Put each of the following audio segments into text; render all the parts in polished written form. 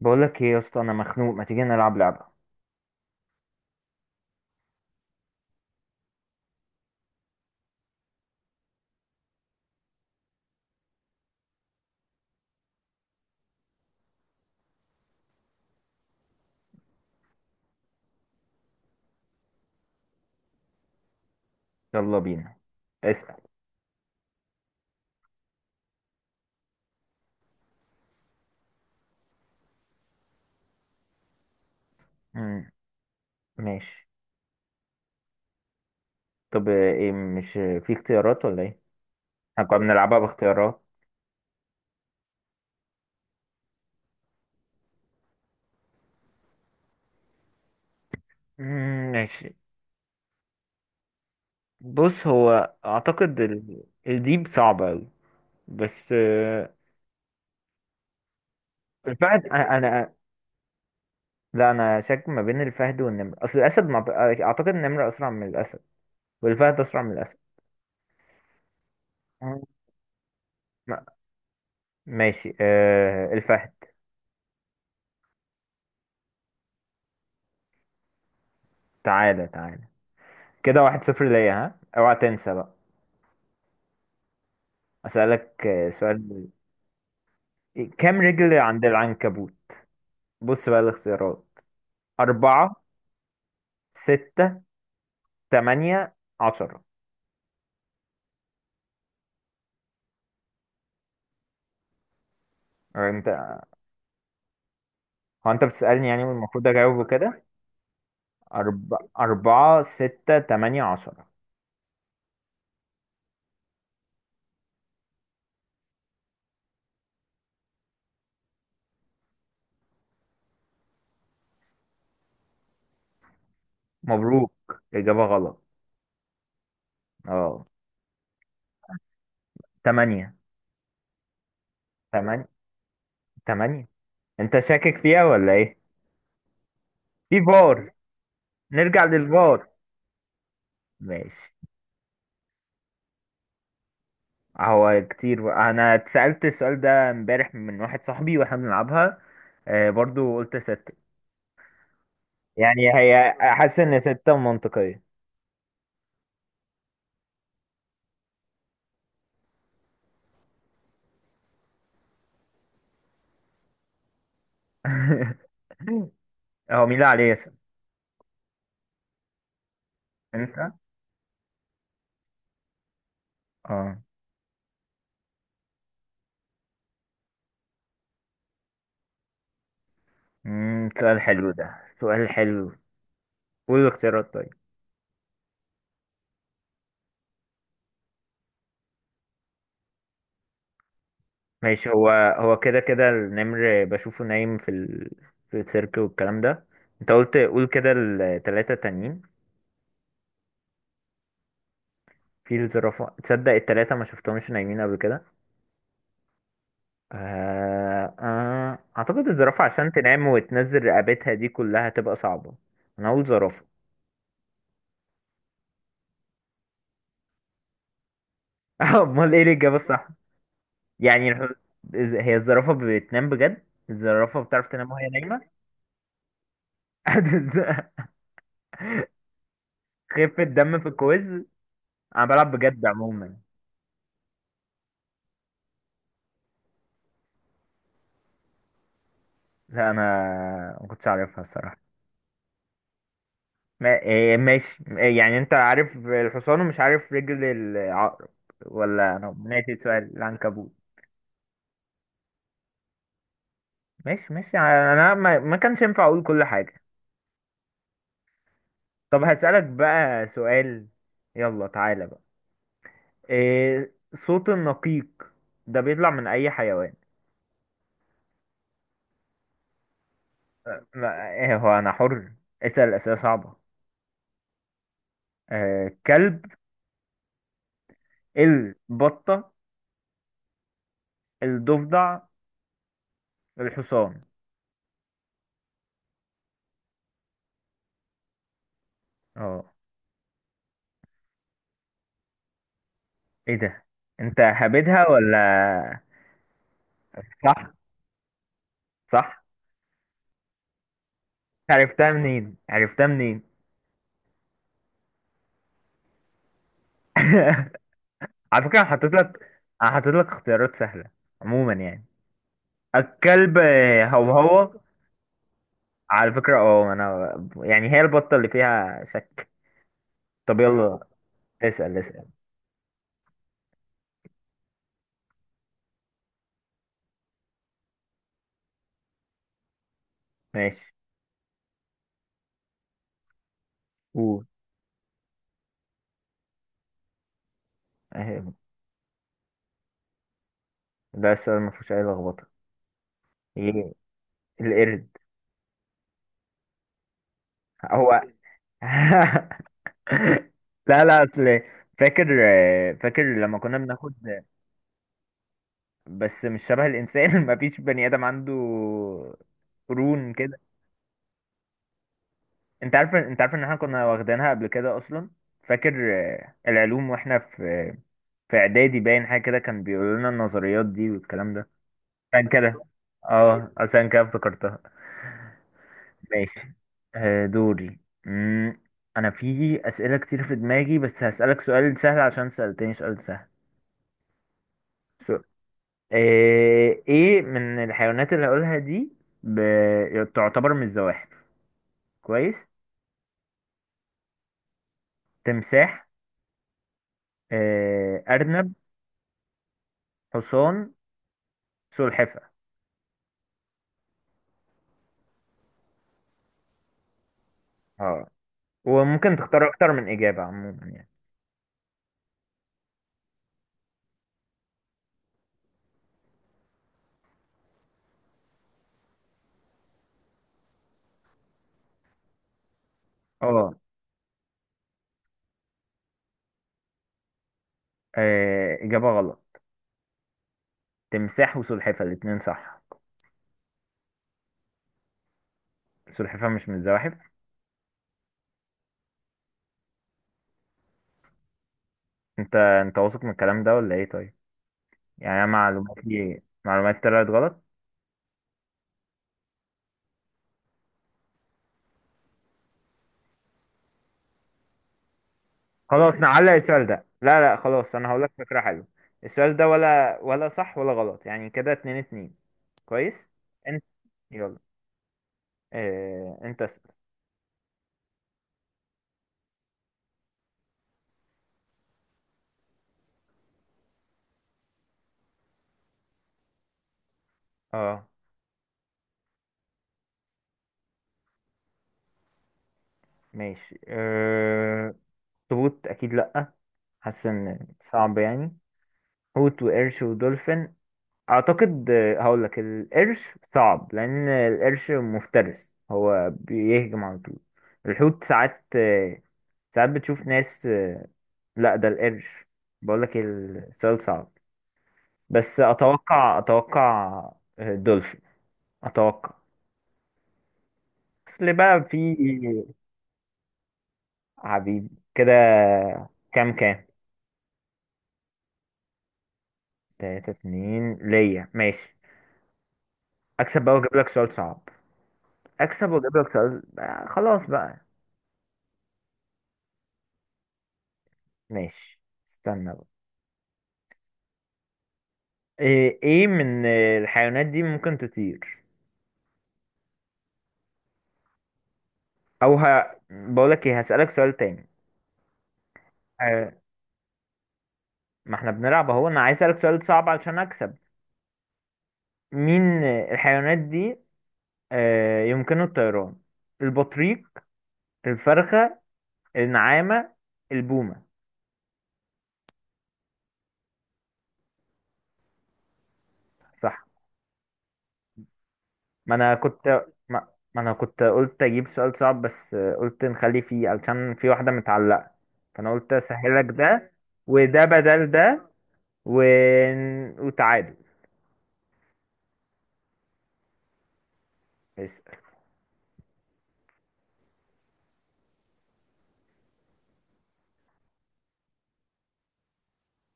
بقولك ايه يا اسطى؟ انا مخنوق، ما تيجي نلعب لعبة؟ يلا بينا. اسأل. مم. ماشي. طب ايه، مش في اختيارات ولا ايه؟ احنا كنا بنلعبها باختيارات. ماشي. بص، هو اعتقد الديب صعبة اوي. بس الفهد لا، انا شاك ما بين الفهد والنمر، اصل الاسد ما ب- اعتقد النمر اسرع من الاسد، والفهد اسرع من الاسد. مم. ما- ماشي، الفهد. تعالى تعالى، كده 1-0 ليا. ها، اوعى تنسى بقى. أسألك سؤال: كام رجل عند العنكبوت؟ بص بقى الاختيارات: أربعة، ستة، تمانية، عشرة. أنت، هو أنت بتسألني يعني والمفروض أجاوب كده؟ أرب... أربعة، ستة، تمانية، عشرة. مبروك، إجابة غلط. أه، تمانية. تمانية. تمانية. أنت شاكك فيها ولا إيه؟ في فار. نرجع للفار. ماشي، هو كتير بقى. أنا اتسألت السؤال ده امبارح من واحد صاحبي وإحنا بنلعبها، برضو قلت ستة. يعني هي، حاسس ان ستة منطقية. هو مين اللي عليه يسأل؟ انت. اه. سؤال حلو ده. سؤال حلو. قول الاختيارات طيب. ماشي، هو. هو كده كده النمر بشوفه نايم في في السيرك والكلام ده. انت قلت قول كده التلاتة تانيين. في الزرافة، تصدق التلاتة ما شفتهمش نايمين قبل كده. اعتقد الزرافة عشان تنام وتنزل رقبتها دي كلها تبقى صعبة. انا اقول زرافة. امال ايه الاجابة؟ يعني هي الزرافة بتنام بجد؟ الزرافة بتعرف تنام وهي نايمة. خفة دم في الكويز. انا بلعب بجد عموما. لا انا ما كنتش عارفها الصراحة. إيه، ماشي. إيه، يعني انت عارف الحصان ومش عارف رجل العقرب؟ ولا انا ناسي سؤال العنكبوت. ماشي ماشي. انا ما كانش ينفع اقول كل حاجة. طب هسألك بقى سؤال. يلا تعالى بقى. إيه صوت النقيق ده؟ بيطلع من اي حيوان؟ ما ايه، هو انا حر، اسأل اسئلة صعبة. كلب، البطة، الضفدع، الحصان. اه. ايه ده، انت هبدها ولا؟ صح. صح. عرفتها منين؟ عرفتها منين؟ على فكرة انا حطيت لك، انا حطيت لك اختيارات سهلة عموما يعني. الكلب هو هو. على فكرة انا، يعني هي البطة اللي فيها شك. طب يلا، اسأل اسأل. ماشي. قول. اهي، ده السؤال ما فيهوش اي لخبطة. ايه؟ القرد. هو. لا لا، اصل فاكر، فاكر لما كنا بناخد. بس مش شبه الانسان. مفيش بني ادم عنده قرون كده. انت عارف، انت عارف ان احنا كنا واخدينها قبل كده اصلا. فاكر؟ العلوم واحنا في اعدادي، باين حاجه كده كان بيقولوا لنا النظريات دي والكلام ده. عشان كده، اه عشان كده افتكرتها. ماشي. دوري. مم، انا في اسئله كتير في دماغي، بس هسالك سؤال سهل عشان سالتني سؤال سهل. س- ايه من الحيوانات اللي هقولها دي ب... تعتبر من الزواحف؟ كويس. تمساح، ارنب، حصان، سلحفة. اه. وممكن تختار اكتر من اجابة عموما يعني. اه. اجابة غلط. تمساح وسلحفة الاتنين صح. سلحفة مش من الزواحف؟ انت واثق من الكلام ده ولا ايه؟ طيب، يعني أنا معلوماتي، معلومات طلعت غلط. خلاص نعلق السؤال ده. لا لا، خلاص، انا هقول لك فكرة حلوة. السؤال ده ولا صح ولا غلط، يعني كده 2-2. كويس. انت. يلا. اه، انت اسأل. اه، ماشي. اه، اخطبوط اكيد لا. حاسس ان صعب يعني. حوت وقرش ودولفين. اعتقد هقول لك القرش. صعب، لان القرش مفترس هو بيهجم على طول. الحوت ساعات بتشوف ناس. لا، ده القرش. بقول لك السؤال صعب، بس اتوقع دولفين. اتوقع. اصل بقى في. حبيبي. كده. كام كام؟ 3-2 ليا، ماشي. اكسب بقى واجيب لك سؤال صعب. اكسب واجيب لك سؤال، خلاص بقى. ماشي، استنى بقى. إيه من الحيوانات دي ممكن تطير؟ بقول لك ايه، هسألك سؤال تاني. آه، ما احنا بنلعب اهو، انا عايز اسألك سؤال صعب علشان اكسب. مين الحيوانات دي يمكنه الطيران؟ البطريق، الفرخة، النعامة، البومة. صح. ما انا كنت ما, ما انا كنت قلت اجيب سؤال صعب، بس قلت نخلي فيه علشان في واحدة متعلقة. فانا قلت اسهلك ده، وده بدل ده، و... وتعادل. اسأل.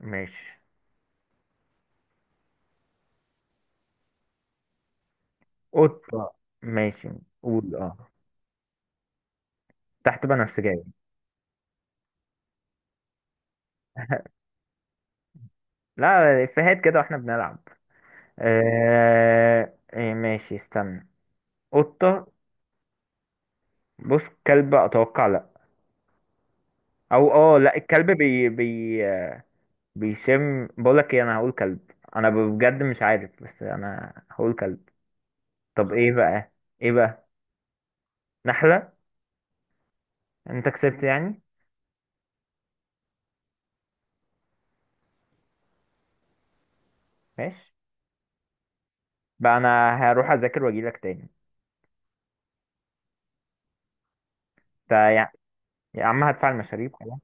ماشي، قطة. ماشي. قول اه. تحت بنفسجية. لا، افيهات كده واحنا بنلعب. إيه، ماشي استنى. قطة. بص، كلب اتوقع. لا، او اه لا الكلب بي بيشم. بقولك ايه، انا هقول كلب. انا بجد مش عارف، بس انا هقول كلب. طب ايه بقى؟ ايه بقى؟ نحلة. انت كسبت يعني؟ ماشي، بقى انا هروح اذاكر واجيلك تاني. انت يع- يا عم، هدفع المشاريب خلاص.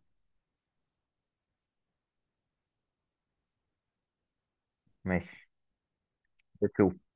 ماشي. بتشوف.